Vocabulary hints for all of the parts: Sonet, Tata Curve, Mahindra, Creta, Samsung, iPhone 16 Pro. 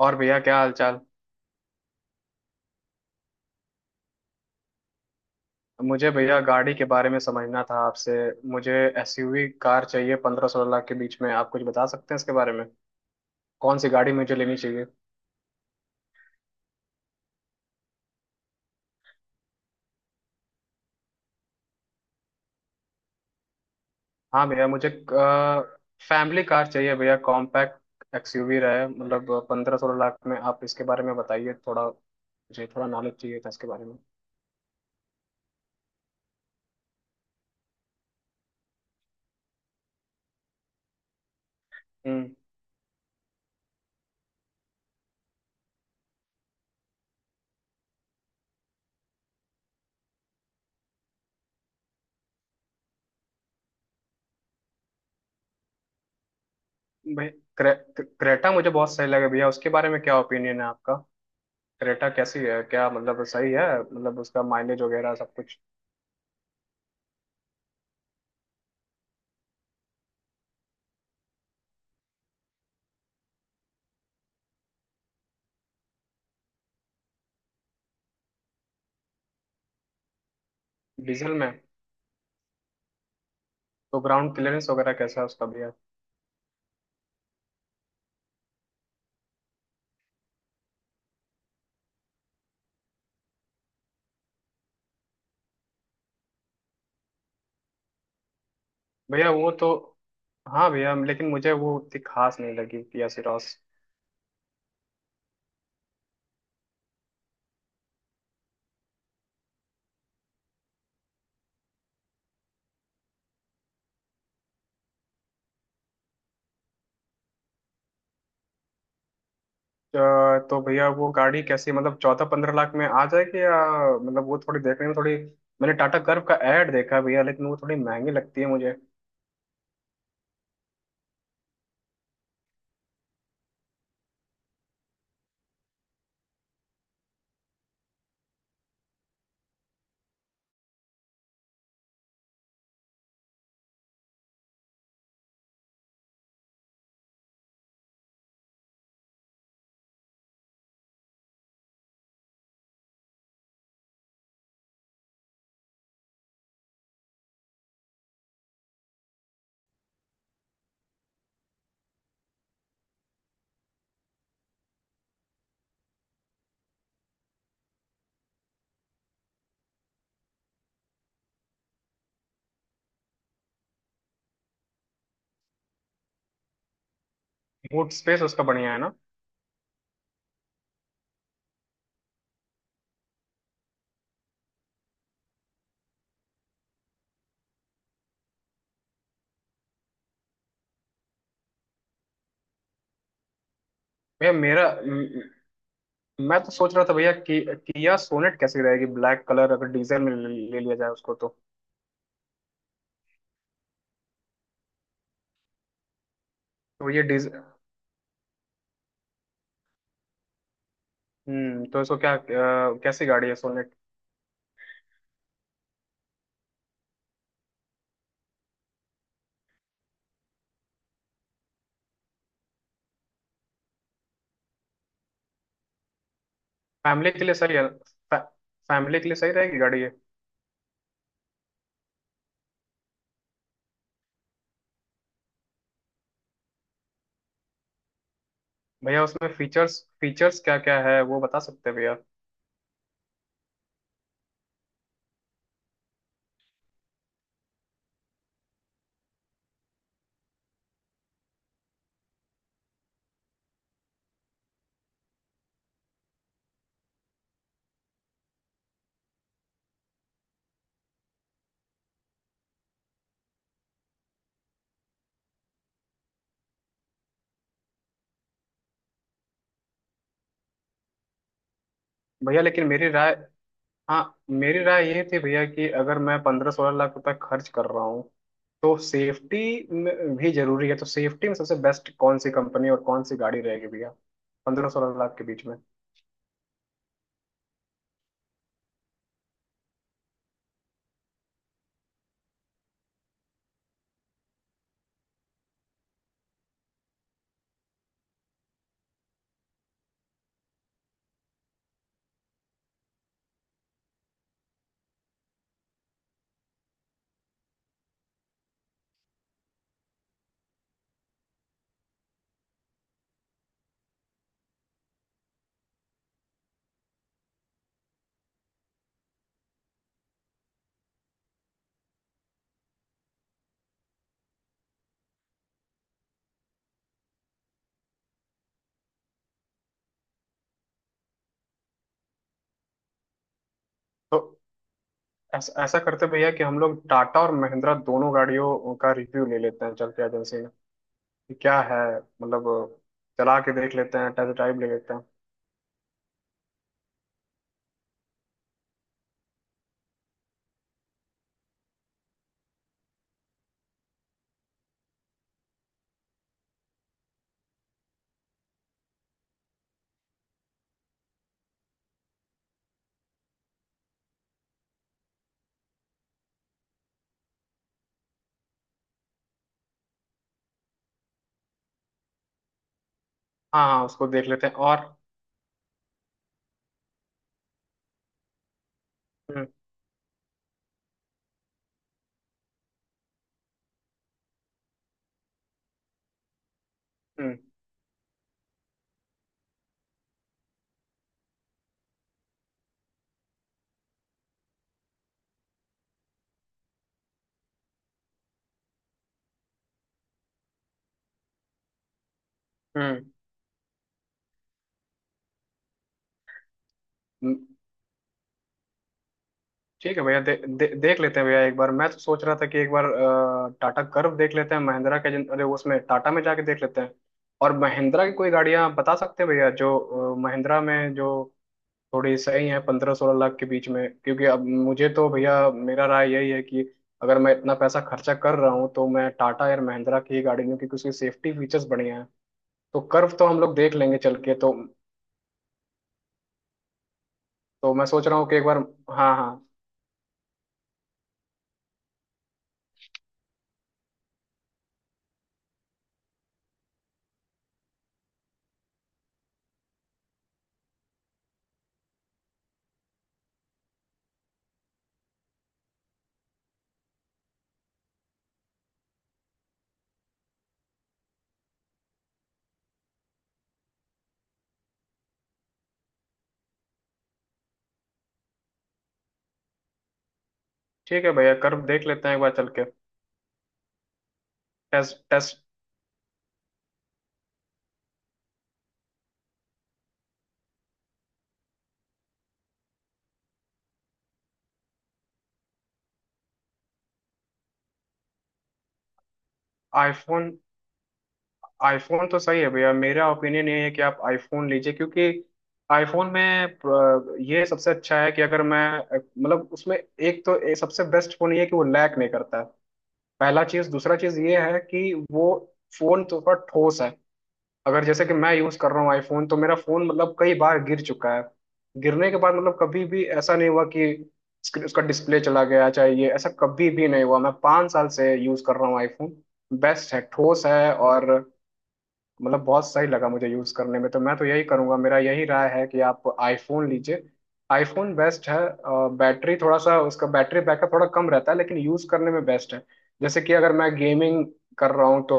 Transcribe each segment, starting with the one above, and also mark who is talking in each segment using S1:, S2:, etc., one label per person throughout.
S1: और भैया क्या हाल चाल। मुझे भैया गाड़ी के बारे में समझना था आपसे। मुझे एसयूवी कार चाहिए, पंद्रह सोलह लाख के बीच में। आप कुछ बता सकते हैं इसके बारे में? कौन सी गाड़ी मुझे लेनी चाहिए? हाँ भैया, मुझे फैमिली कार चाहिए भैया, कॉम्पैक्ट एक्सयूवी रहे। मतलब पंद्रह सोलह लाख में आप इसके बारे में बताइए, थोड़ा मुझे थोड़ा नॉलेज चाहिए था इसके बारे में। हम्म। भाई, क्रे, क्रेटा मुझे बहुत सही लगे भैया। उसके बारे में क्या ओपिनियन है आपका? क्रेटा कैसी है? क्या मतलब सही है? मतलब उसका माइलेज वगैरह सब कुछ। डीजल में? तो ग्राउंड क्लियरेंस वगैरह कैसा है उसका भैया? भैया वो तो। हाँ भैया, लेकिन मुझे वो उतनी खास नहीं लगी किया सिरॉस। अ, तो भैया वो गाड़ी कैसी? मतलब चौदह पंद्रह लाख में आ जाएगी या मतलब वो थोड़ी देखने में थोड़ी। मैंने टाटा कर्व का ऐड देखा है भैया, लेकिन वो थोड़ी महंगी लगती है मुझे। बूट स्पेस उसका बढ़िया है ना? भैया मेरा म- मैं तो सोच रहा था भैया कि किया सोनेट कैसी रहेगी, ब्लैक कलर, अगर डीजल में ले ले लिया जाए उसको तो। तो ये डीजल। हम्म। तो इसको क्या कैसी गाड़ी है? फैमिली के लिए सही है? फैमिली के लिए सही रहेगी गाड़ी ये? भैया उसमें फीचर्स, क्या क्या है वो बता सकते हैं भैया? भैया लेकिन मेरी राय हाँ मेरी राय ये थी भैया कि अगर मैं पंद्रह सोलह लाख रुपए खर्च कर रहा हूँ तो सेफ्टी में भी जरूरी है। तो सेफ्टी में सबसे बेस्ट कौन सी कंपनी और कौन सी गाड़ी रहेगी भैया, पंद्रह सोलह लाख के बीच में? तो ऐसा ऐसा करते भैया कि हम लोग टाटा और महिंद्रा दोनों गाड़ियों का रिव्यू ले लेते हैं चल के एजेंसी में, कि क्या है मतलब। चला के देख लेते हैं, टेस्ट ड्राइव ले लेते हैं। हाँ हाँ, उसको देख लेते हैं और। हम्म हम्म। हम्म हम्म। ठीक है भैया, दे, दे, देख लेते हैं भैया एक बार। मैं तो सोच रहा था कि एक बार टाटा कर्व देख लेते हैं महिंद्रा के, अरे उसमें टाटा में जाके देख लेते हैं। और महिंद्रा की कोई गाड़ियां आप बता सकते हैं भैया जो महिंद्रा में जो थोड़ी सही है पंद्रह सोलह लाख के बीच में? क्योंकि अब मुझे तो भैया मेरा राय यही है कि अगर मैं इतना पैसा खर्चा कर रहा हूँ तो मैं टाटा या महिंद्रा की ही गाड़ी लूँ क्योंकि उसकी सेफ्टी फीचर्स बढ़िया हैं। तो कर्व तो हम लोग देख लेंगे चल के तो। तो मैं सोच रहा हूँ कि एक बार। हाँ हाँ। ठीक है भैया, कर देख लेते हैं एक बार चल के। Test test. आईफोन। आईफोन, तो सही है भैया। मेरा ओपिनियन ये है कि आप आईफोन लीजिए, क्योंकि आईफोन में ये सबसे अच्छा है कि अगर मैं मतलब उसमें एक तो ये सबसे बेस्ट फोन ये है कि वो लैग नहीं करता है। पहला चीज। दूसरा चीज ये है कि वो फोन तो थोड़ा ठोस है। अगर जैसे कि मैं यूज कर रहा हूँ आईफोन, तो मेरा फोन मतलब कई बार गिर चुका है। गिरने के बाद मतलब कभी भी ऐसा नहीं हुआ कि उसका डिस्प्ले चला गया चाहिए, ऐसा कभी भी नहीं हुआ। मैं पाँच साल से यूज कर रहा हूँ आईफोन। बेस्ट है, ठोस है और मतलब बहुत सही लगा मुझे यूज करने में। तो मैं तो यही करूंगा, मेरा यही राय है कि आप आईफोन लीजिए। आईफोन बेस्ट है। बैटरी थोड़ा सा, उसका बैटरी बैकअप थोड़ा कम रहता है लेकिन यूज करने में बेस्ट है। जैसे कि अगर मैं गेमिंग कर रहा हूँ तो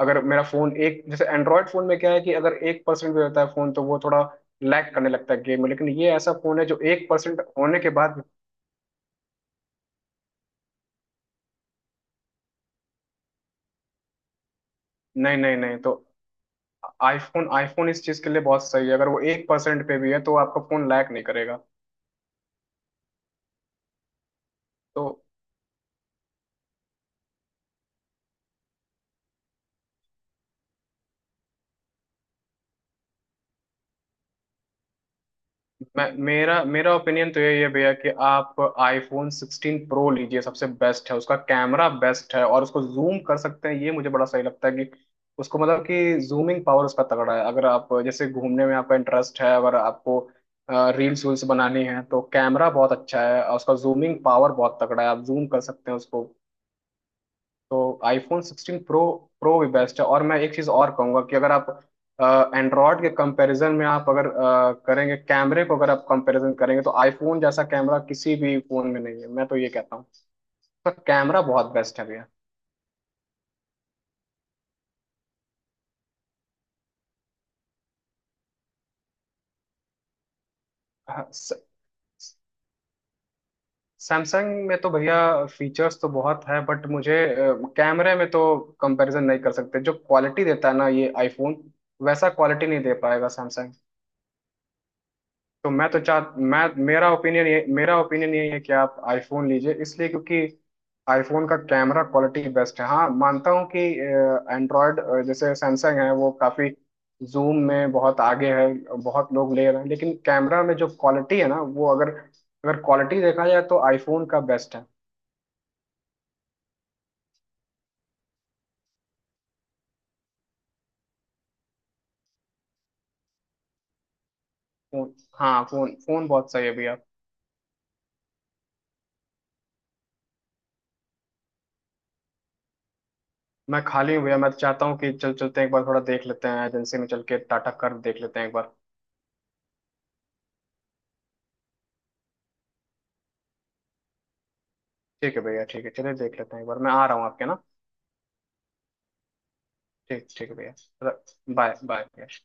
S1: अगर मेरा फोन एक, जैसे एंड्रॉयड फोन में क्या है कि अगर एक परसेंट भी होता है फोन तो वो थोड़ा लैग करने लगता है गेम में। लेकिन ये ऐसा फोन है जो एक परसेंट होने के बाद। नहीं नहीं नहीं। तो आईफोन, आईफोन इस चीज के लिए बहुत सही है। अगर वो एक परसेंट पे भी है तो आपका फोन लैग नहीं करेगा। तो मैं मेरा मेरा ओपिनियन तो यही है भैया कि आप आईफोन 16 प्रो लीजिए, सबसे बेस्ट है। उसका कैमरा बेस्ट है और उसको जूम कर सकते हैं, ये मुझे बड़ा सही लगता है। कि उसको मतलब कि जूमिंग पावर उसका तगड़ा है। अगर आप जैसे घूमने में आपका इंटरेस्ट है, अगर आपको रील्स वील्स बनानी है तो कैमरा बहुत अच्छा है और उसका जूमिंग पावर बहुत तगड़ा है, आप जूम कर सकते हैं उसको। तो आईफोन सिक्सटीन प्रो। प्रो भी बेस्ट है। और मैं एक चीज़ और कहूँगा कि अगर आप एंड्रॉयड के कंपैरिजन में आप अगर करेंगे कैमरे को, अगर आप कंपैरिजन करेंगे, तो आईफोन जैसा कैमरा किसी भी फोन में नहीं है, मैं तो ये कहता हूँ। उसका कैमरा बहुत बेस्ट है भैया। हाँ, सैमसंग में तो भैया फीचर्स तो बहुत है, बट मुझे कैमरे में तो कंपैरिजन नहीं कर सकते। जो क्वालिटी देता है ना ये आईफोन, वैसा क्वालिटी नहीं दे पाएगा सैमसंग। तो मैं तो चाह मैं मेरा ओपिनियन यही है कि आप आईफोन लीजिए इसलिए, क्योंकि आईफोन का कैमरा क्वालिटी बेस्ट है। हाँ मानता हूँ कि एंड्रॉयड जैसे सैमसंग है, वो काफ़ी जूम में बहुत आगे है, बहुत लोग ले रहे हैं, लेकिन कैमरा में जो क्वालिटी है ना, वो अगर, क्वालिटी देखा जाए तो आईफोन का बेस्ट है। फोन। हाँ, फोन फोन बहुत सही है भैया। मैं खाली हूँ भैया, मैं तो चाहता हूँ कि चल चलते हैं एक बार, थोड़ा देख लेते हैं एजेंसी में चल के, टाटा कर्व देख लेते हैं एक बार। ठीक है भैया, ठीक है, चलिए देख लेते हैं एक बार, मैं आ रहा हूँ आपके ना। ठीक, ठीक है भैया। बाय बाय भैया।